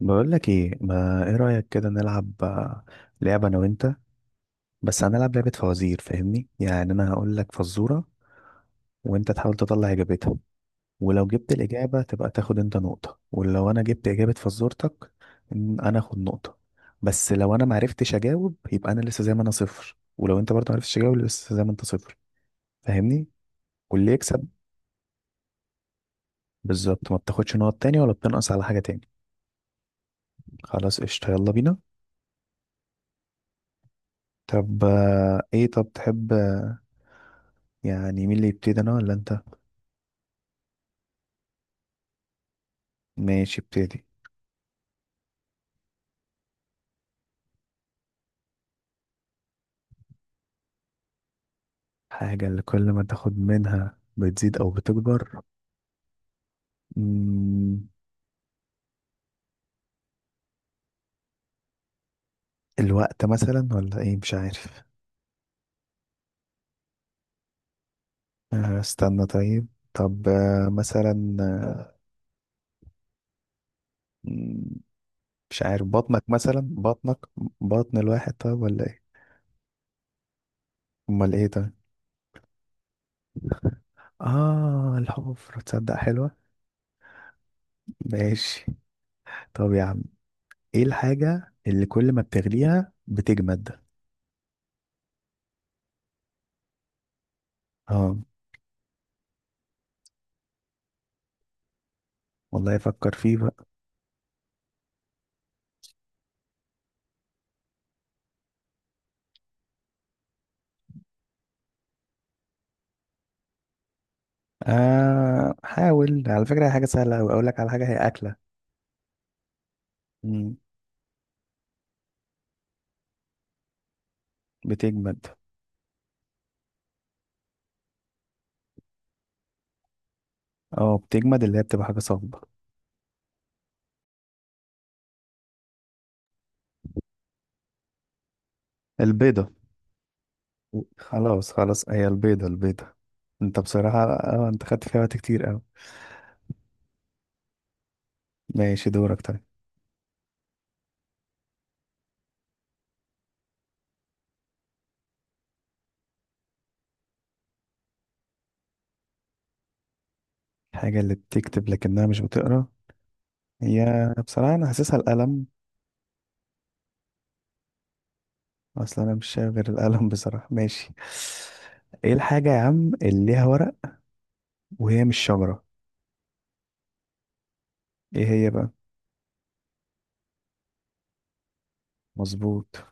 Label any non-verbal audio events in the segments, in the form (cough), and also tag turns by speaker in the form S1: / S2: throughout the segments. S1: بقول لك ايه، ما ايه رأيك كده نلعب لعبة انا وانت؟ بس هنلعب لعبة فوازير، فاهمني؟ يعني انا هقول لك فزورة وانت تحاول تطلع اجابتها. ولو جبت الاجابة تبقى تاخد انت نقطة، ولو انا جبت اجابة فزورتك انا اخد نقطة. بس لو انا معرفتش اجاوب يبقى انا لسه زي ما انا صفر، ولو انت برضه معرفتش تجاوب لسه زي ما انت صفر. فاهمني؟ واللي يكسب. بالظبط، ما بتاخدش نقط تاني ولا بتنقص على حاجة تاني. خلاص، قشطة، يلا بينا. طب ايه، طب تحب يعني مين اللي يبتدي، انا ولا انت؟ ماشي، ابتدي. حاجة اللي كل ما تاخد منها بتزيد او بتكبر؟ مم، الوقت مثلا ولا ايه، مش عارف. آه، استنى طيب. طب مثلا مم، مش عارف، بطنك مثلا، بطنك. بطن الواحد طيب ولا ايه؟ امال ايه طيب؟ اه الحفرة، تصدق حلوة. ماشي. طب يا عم، ايه الحاجة اللي كل ما بتغليها بتجمد؟ اه، والله افكر فيه بقى. آه، حاول، على فكرة هي حاجة سهلة أوي، أقول لك على حاجة، هي أكلة. مم. بتجمد. اه، بتجمد اللي هي بتبقى حاجة صلبة. البيضة. خلاص، خلاص، هي البيضة، البيضة. انت بصراحة، انت خدت فيها وقت كتير أوي. ماشي، دورك طيب. الحاجة اللي بتكتب لكنها مش بتقرا؟ هي بصراحة أنا حاسسها القلم. أصل أنا مش شايف غير القلم بصراحة، ماشي. ايه الحاجة يا عم اللي ليها ورق وهي مش شجرة؟ ايه هي بقى؟ مظبوط.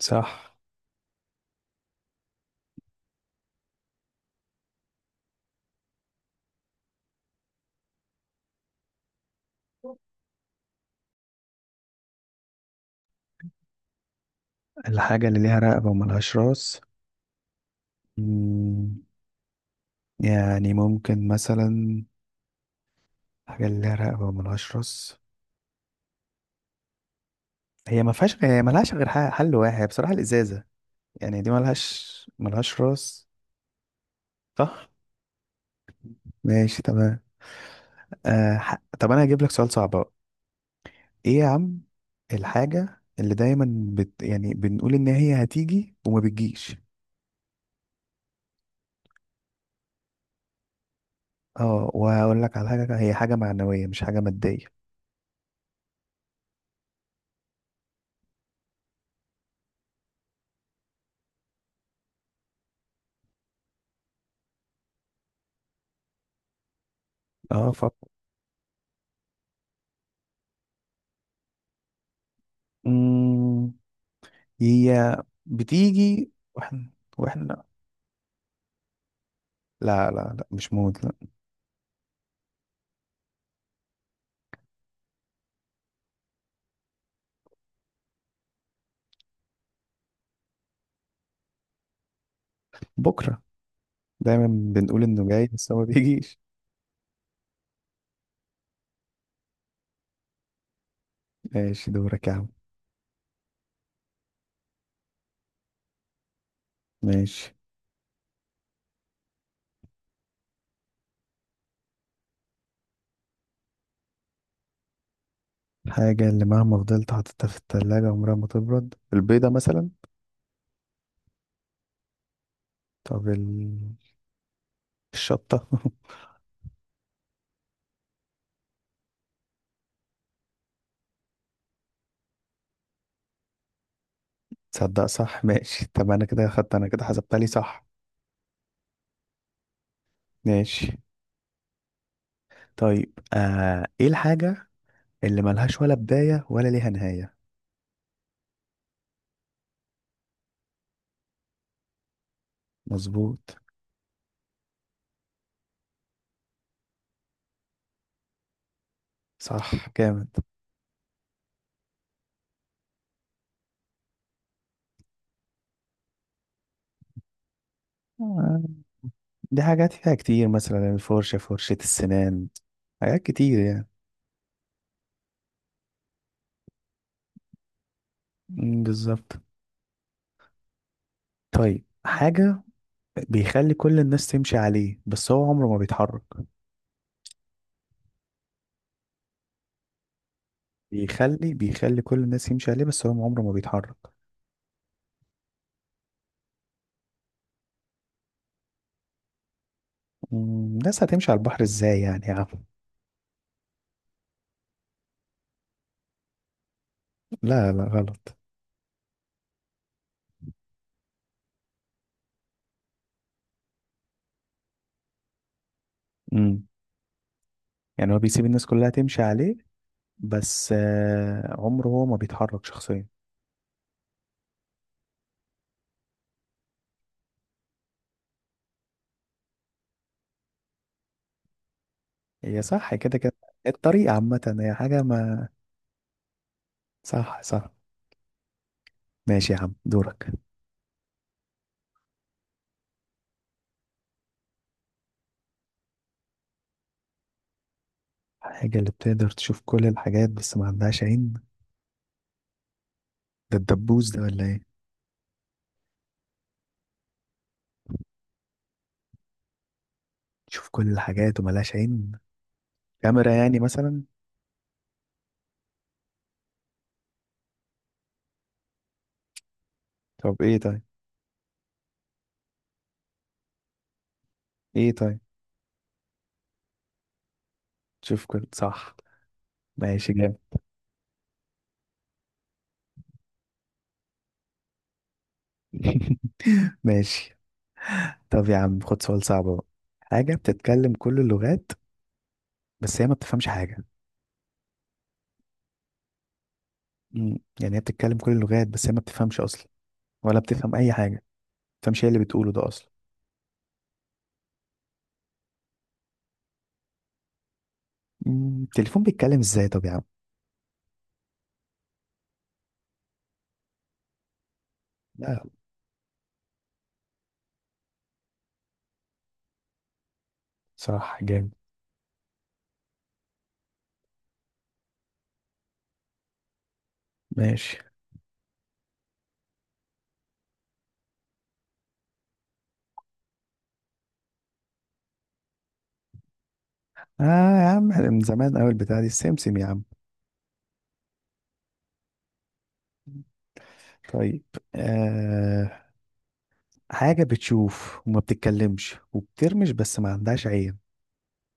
S1: صح. الحاجة اللي ليها رقبة وملهاش راس؟ مم، يعني ممكن مثلا، حاجة اللي لها رقبة وملهاش راس، هي ما فيهاش، هي ملهاش غير حل واحد بصراحة، الإزازة. يعني دي ملهاش راس. صح. ماشي، تمام. طب أنا هجيب لك سؤال صعب بقى. إيه يا عم؟ الحاجة اللي دايما يعني بنقول إن هي هتيجي وما بتجيش؟ اه، وهقول لك على حاجة، هي حاجة معنوية مش حاجة مادية. اه، فكر. مم، هي بتيجي واحنا، لا، لا، لا، مش موت، لا. بكرة. دايما بنقول انه جاي بس هو ما بيجيش. (laughs) ماشي، دورك يا عم. ماشي. الحاجة اللي مهما فضلت حاططها في التلاجة عمرها ما تبرد، البيضة مثلا؟ طب الشطة. (laughs) تصدق صح، ماشي، طب انا كده خدت، انا كده حسبتها لي صح. ماشي. طيب ايه الحاجة اللي ملهاش ولا بداية ولا ليها نهاية؟ مظبوط. صح، جامد. آه، دي حاجات فيها كتير، مثلا الفرشة، فرشة السنان. حاجات كتير يعني. مم، بالظبط. طيب، حاجة بيخلي كل الناس تمشي عليه بس هو عمره ما بيتحرك؟ بيخلي كل الناس يمشي عليه بس هو عمره ما بيتحرك. الناس هتمشي على البحر ازاي يعني يا عم؟ لا، لا، غلط. مم. يعني هو بيسيب الناس كلها تمشي عليه، بس عمره هو ما بيتحرك شخصيا. هي صح كده كده. الطريقة عامة، هي حاجة ما. صح، صح. ماشي يا عم، دورك. الحاجة اللي بتقدر تشوف كل الحاجات بس ما عندهاش عين؟ ده الدبوس ده ولا ايه؟ تشوف كل الحاجات وملهاش عين؟ كاميرا يعني مثلا؟ طب ايه طيب؟ ايه طيب؟ تشوف كل، صح. ماشي، جامد. (laughs) ماشي. طب يا عم، خد سؤال صعب بقى. حاجة بتتكلم كل اللغات بس هي ما بتفهمش حاجة؟ يعني هي بتتكلم كل اللغات بس هي ما بتفهمش أصلا، ولا بتفهم أي حاجة، ما بتفهمش هي اللي بتقوله ده أصلا. التليفون بيتكلم ازاي طب يا عم؟ لا. صح، جامد. ماشي. اه. يا عم إحنا من زمان أوي البتاعة دي، السمسم يا عم. طيب. آه حاجة بتشوف وما بتتكلمش وبترمش بس ما عندهاش عين.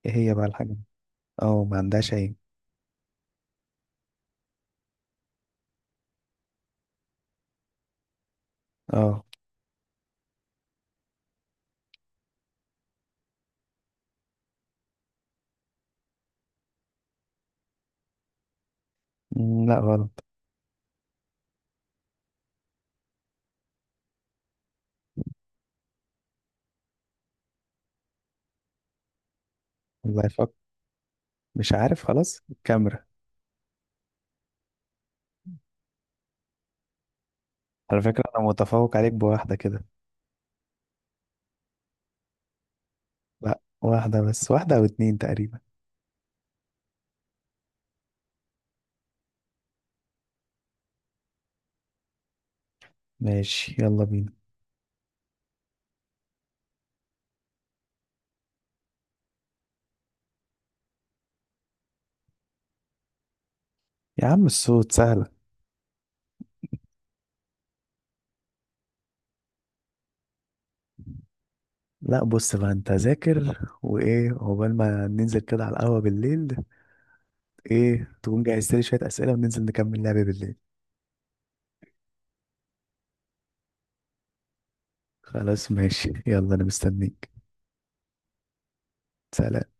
S1: ايه هي بقى الحاجة دي؟ اه، ما عندهاش عين. اه. لا، غلط. الله، يفكر. مش عارف، خلاص الكاميرا. على فكرة انا متفوق عليك بواحدة كده. لا، واحدة بس، واحدة او اتنين تقريبا. ماشي، يلا بينا. يا عم الصوت سهلة. لا، بص بقى انت ذاكر وايه، عقبال ما ننزل كده على القهوة بالليل. ايه تكون جهزت لي شوية اسئلة، وننزل نكمل لعبة بالليل. خلاص، ماشي، يلا انا مستنيك. سلام.